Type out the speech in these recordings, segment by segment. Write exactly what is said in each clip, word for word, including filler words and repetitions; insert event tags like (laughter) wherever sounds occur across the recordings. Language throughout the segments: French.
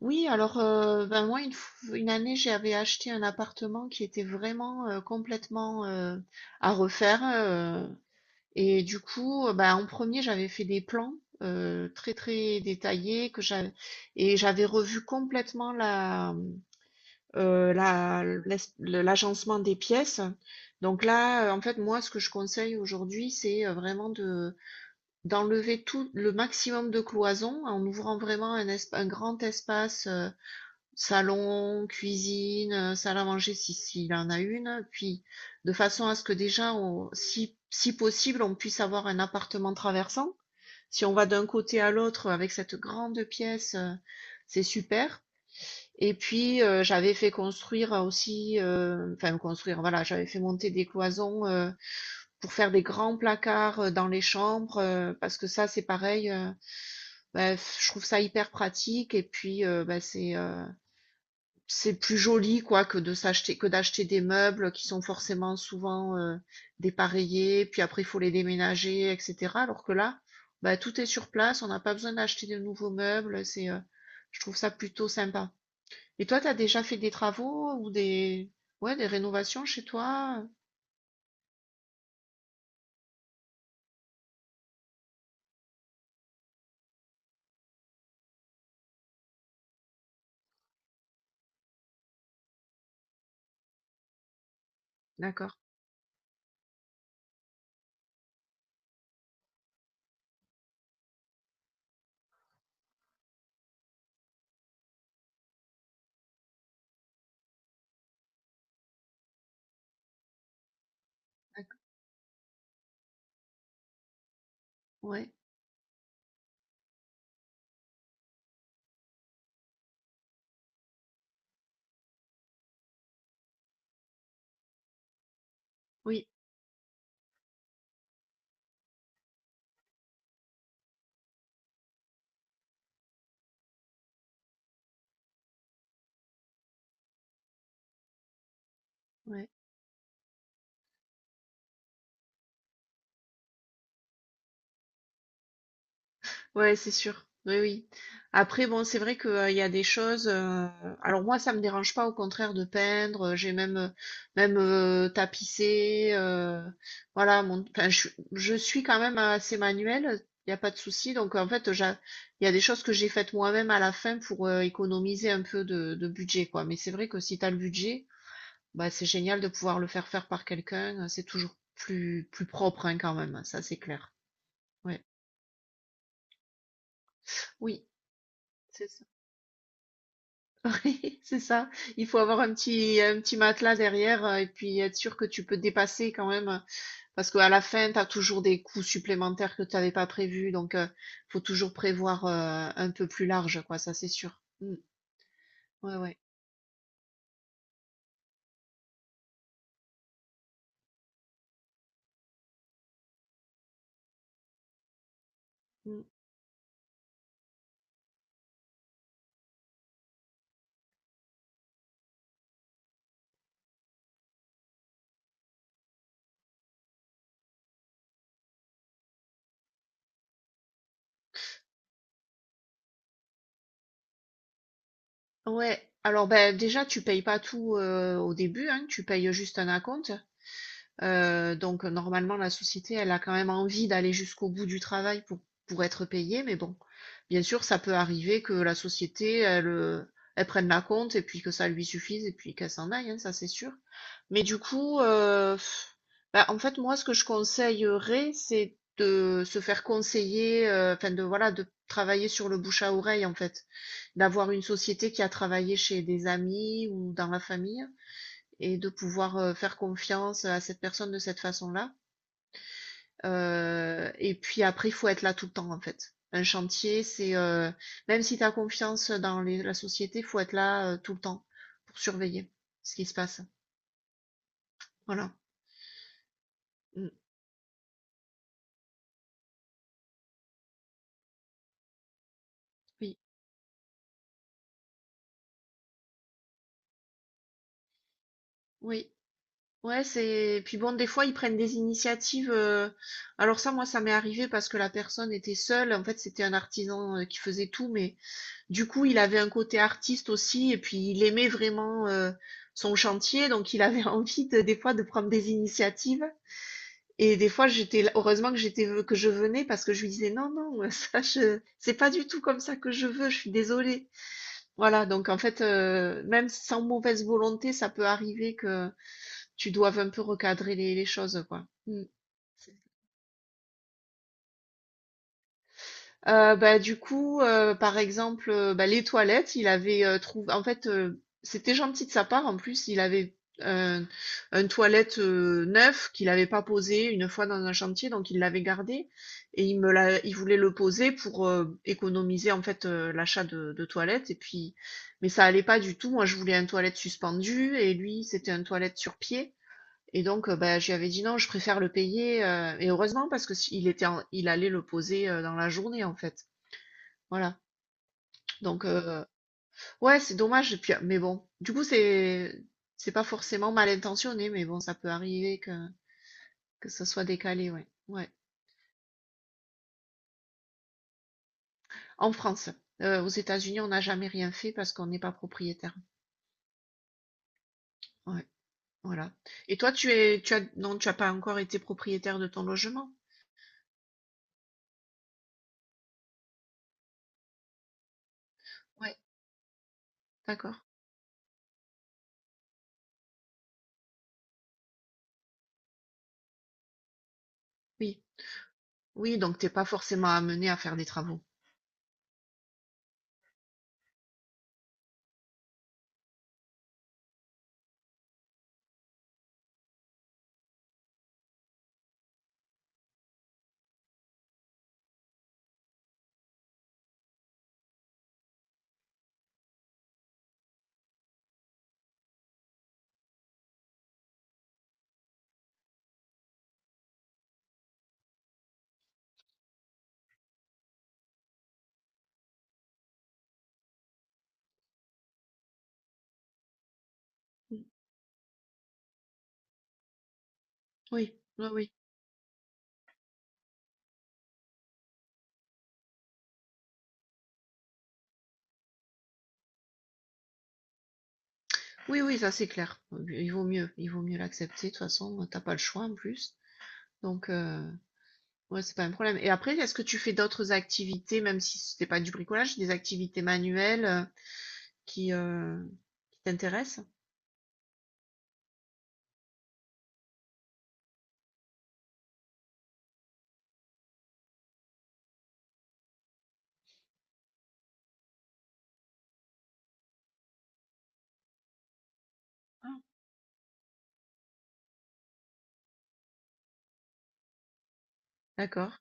Oui, alors euh, ben moi une, f- une année j'avais acheté un appartement qui était vraiment euh, complètement euh, à refaire euh, et du coup euh, ben, en premier j'avais fait des plans euh, très très détaillés que j'avais et j'avais revu complètement la euh, la l'es- le- l'agencement des pièces. Donc là euh, en fait moi ce que je conseille aujourd'hui c'est euh, vraiment de d'enlever tout le maximum de cloisons en ouvrant vraiment un, esp- un grand espace euh, salon, cuisine, euh, salle à manger si s'il en a une, puis de façon à ce que déjà on si si possible, on puisse avoir un appartement traversant. Si on va d'un côté à l'autre avec cette grande pièce, euh, c'est super et puis, heu, j'avais fait construire aussi, heu, enfin construire, voilà, j'avais fait monter des cloisons, heu, pour faire des grands placards, euh, dans les chambres, heu, parce que ça, c'est pareil, heu, bah, je trouve ça hyper pratique et puis, heu, bah, c'est, heu c'est plus joli quoi que de s'acheter que d'acheter des meubles qui sont forcément souvent, heu, dépareillés, puis après il faut les déménager et cetera. Alors que là, bah, tout est sur place, on n'a pas besoin d'acheter de nouveaux meubles, c'est, heu, je trouve ça plutôt sympa. Et toi, tu as déjà fait des travaux ou des ouais, des rénovations chez toi, heu? D'accord, ouais, oui, ouais. Ouais, c'est sûr. Oui, oui. Après, bon, c'est vrai que, euh, il y a des choses, euh, alors moi, ça me dérange pas, au contraire, de peindre. euh, J'ai même, euh, même euh, tapissé. euh, Voilà, mon... enfin, je, suis- je suis quand même assez manuelle. Il n'y a pas de souci. Donc en fait, j'a- il y a des choses que j'ai faites moi-même à la fin pour euh, économiser un peu de, de budget, quoi. Mais c'est vrai que si tu as le budget, bah c'est génial de pouvoir le faire faire par quelqu'un. euh, C'est toujours plus plus propre, hein, quand même. Ça, c'est clair. Ouais. Oui. c'est ça. (laughs) C'est ça. Il faut avoir un petit, un petit matelas derrière euh, et puis être sûr que tu peux te dépasser quand même. euh, Parce qu'à la fin, tu as toujours des coûts supplémentaires que tu n'avais pas prévus. Donc, il faut toujours prévoir euh, un peu plus large, quoi. Ça, c'est sûr. Mm. Ouais, ouais. Mm. Ouais. Alors, ben, déjà, tu payes pas tout euh, au début. Hein. Tu payes juste un acompte. Heu, donc normalement, la société, elle a quand même envie d'aller jusqu'au bout du travail pour pour être payée, mais bon, bien sûr, ça peut arriver que la société, elle, heu, elle prenne la compte et puis que ça lui suffise et puis qu'elle s'en aille, hein, ça c'est sûr. Mais du coup, heu, bah, en fait, moi, ce que je conseillerais, c'est de se faire conseiller, heu, enfin de voilà, de travailler sur le bouche à oreille, en fait. D'avoir une société qui a travaillé chez des amis ou dans la famille et de pouvoir euh, faire confiance à cette personne de cette façon-là. Euh, et puis après, il faut être là tout le temps, en fait. Un chantier, c'est euh, même si tu as confiance dans les- la société, il faut être là euh, tout le temps pour surveiller ce qui se passe. Voilà. Mm. Oui, oui. Ouais, c'est. puis bon, des fois, ils prennent des initiatives. euh, Alors ça, moi, ça m'est arrivé parce que la personne était seule. En fait, c'était un artisan euh, qui faisait tout, mais du coup, il avait un côté artiste aussi et puis il aimait vraiment, heu, son chantier, donc il avait (laughs) envie de des fois de prendre des initiatives et des fois j'étais là, heureusement que j'étais euh, que je venais, parce que je lui disais: «Non, non, euh, (laughs) ça je c'est pas du tout comme ça que je veux, je suis désolée». Voilà, donc en fait, heu, même sans mauvaise volonté, ça peut arriver que tu doives un peu recadrer les les choses, quoi. Mmh. Heu, bah, du coup, heu, par exemple, heu, bah, les toilettes, il avait, heu, trouv en fait, heu, c'était gentil de sa part. En plus, il avait un un toilette, heu, neuf qu'il n'avait pas posé une fois dans un chantier, donc il l'avait gardé et il me l'a il voulait le poser pour, heu, économiser, en fait, heu, l'achat de de toilettes et puis mais ça allait pas du tout. Moi, je voulais un toilette suspendu et lui, c'était un toilette sur pied, et donc, heu, bah, je lui avais dit: «Non, je préfère le payer», heu et heureusement, parce que si il était en il allait le poser, heu, dans la journée, en fait. Voilà, donc heu, ouais, c'est dommage et puis, euh, mais bon, du coup, c'est c'est pas forcément mal intentionné, mais bon, ça peut arriver que que ça soit décalé, ouais, ouais. En France, heu, aux États-Unis, on n'a jamais rien fait parce qu'on n'est pas propriétaire. Ouais, voilà. Et toi, tu es tu as non, tu as pas encore été propriétaire de ton logement? Ouais, d'accord. Oui, oui, donc t'es pas forcément amené à faire des travaux. Mmh. Oui, oui, oui. Oui, oui, ça, c'est clair. Il vaut mieux il vaut mieux l'accepter, de toute façon, t'as pas le choix, en plus, donc heu Ouais, c'est pas un problème. Et après, est-ce que tu fais d'autres activités, même si c'était pas du bricolage, des activités manuelles euh, qui, euh, qui t'intéressent? Ah, d'accord,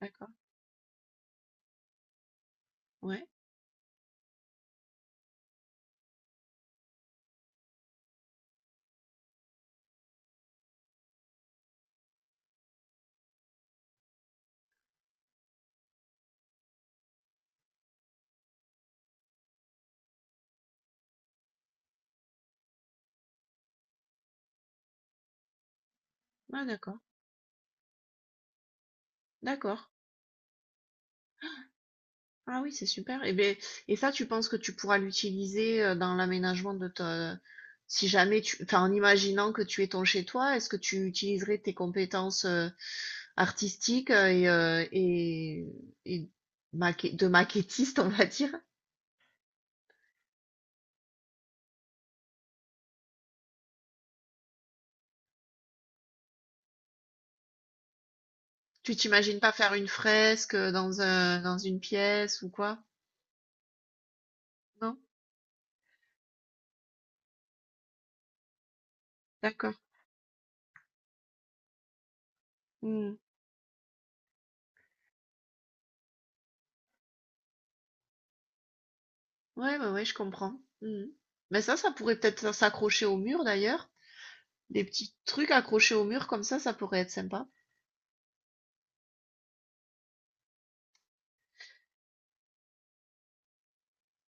d'accord. Ouais, ouais, d'accord, d'accord. Ah oui, c'est super. Et ben, et ça, tu penses que tu pourras l'utiliser euh, dans l'aménagement de ta, si jamais tu, enfin, en imaginant que tu es ton chez toi, est-ce que tu utiliserais tes compétences euh, artistiques euh, et, euh, et, et maquet- de maquettiste, on va dire? Tu t'imagines pas faire une fresque euh, dans un, dans une pièce ou quoi? Non? D'accord. Hmm. Ouais, ouais, ouais, je comprends. Hmm. Mais ça, ça pourrait peut-être s'accrocher au mur d'ailleurs. Des petits trucs accrochés au mur comme ça, ça pourrait être sympa.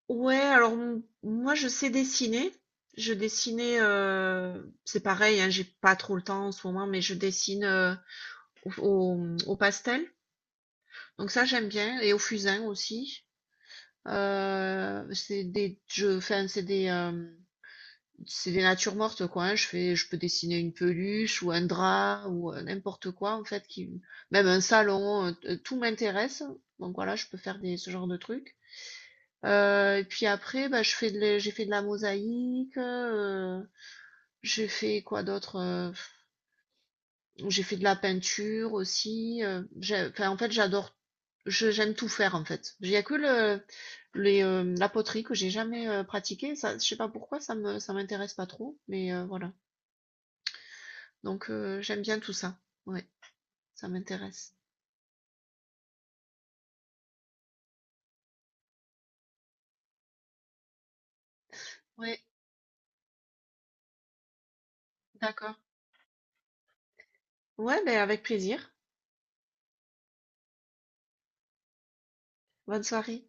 Ouais, alors m- moi je sais dessiner. Je dessinais, euh, c'est pareil, hein, j'ai pas trop le temps en ce moment, mais je dessine euh, au, au- au pastel. Donc ça j'aime bien, et au fusain aussi. Euh, c'est des, je, enfin c'est des, euh, C'est des natures mortes, quoi, hein. Je fais, je peux dessiner une peluche ou un drap ou euh, n'importe quoi, en fait, qui, même un salon, euh, tout m'intéresse. Donc voilà, je peux faire des, ce genre de trucs. Euh, et puis après, bah, je fais de, j'ai fait de la mosaïque, euh, j'ai fait quoi d'autre? euh, j'ai fait de la peinture aussi. euh, j'ai- enfin, en fait, j'adore, je, j'aime tout faire, en fait. Il y a que le, les, euh, la poterie que j'ai jamais euh, pratiquée. Ça, je sais pas pourquoi, ça me, ça m'intéresse pas trop, mais euh, voilà. Donc, heu, j'aime bien tout ça. Ouais, ça m'intéresse. Ouais, d'accord. Ouais, beh, avec plaisir. Bonne soirée.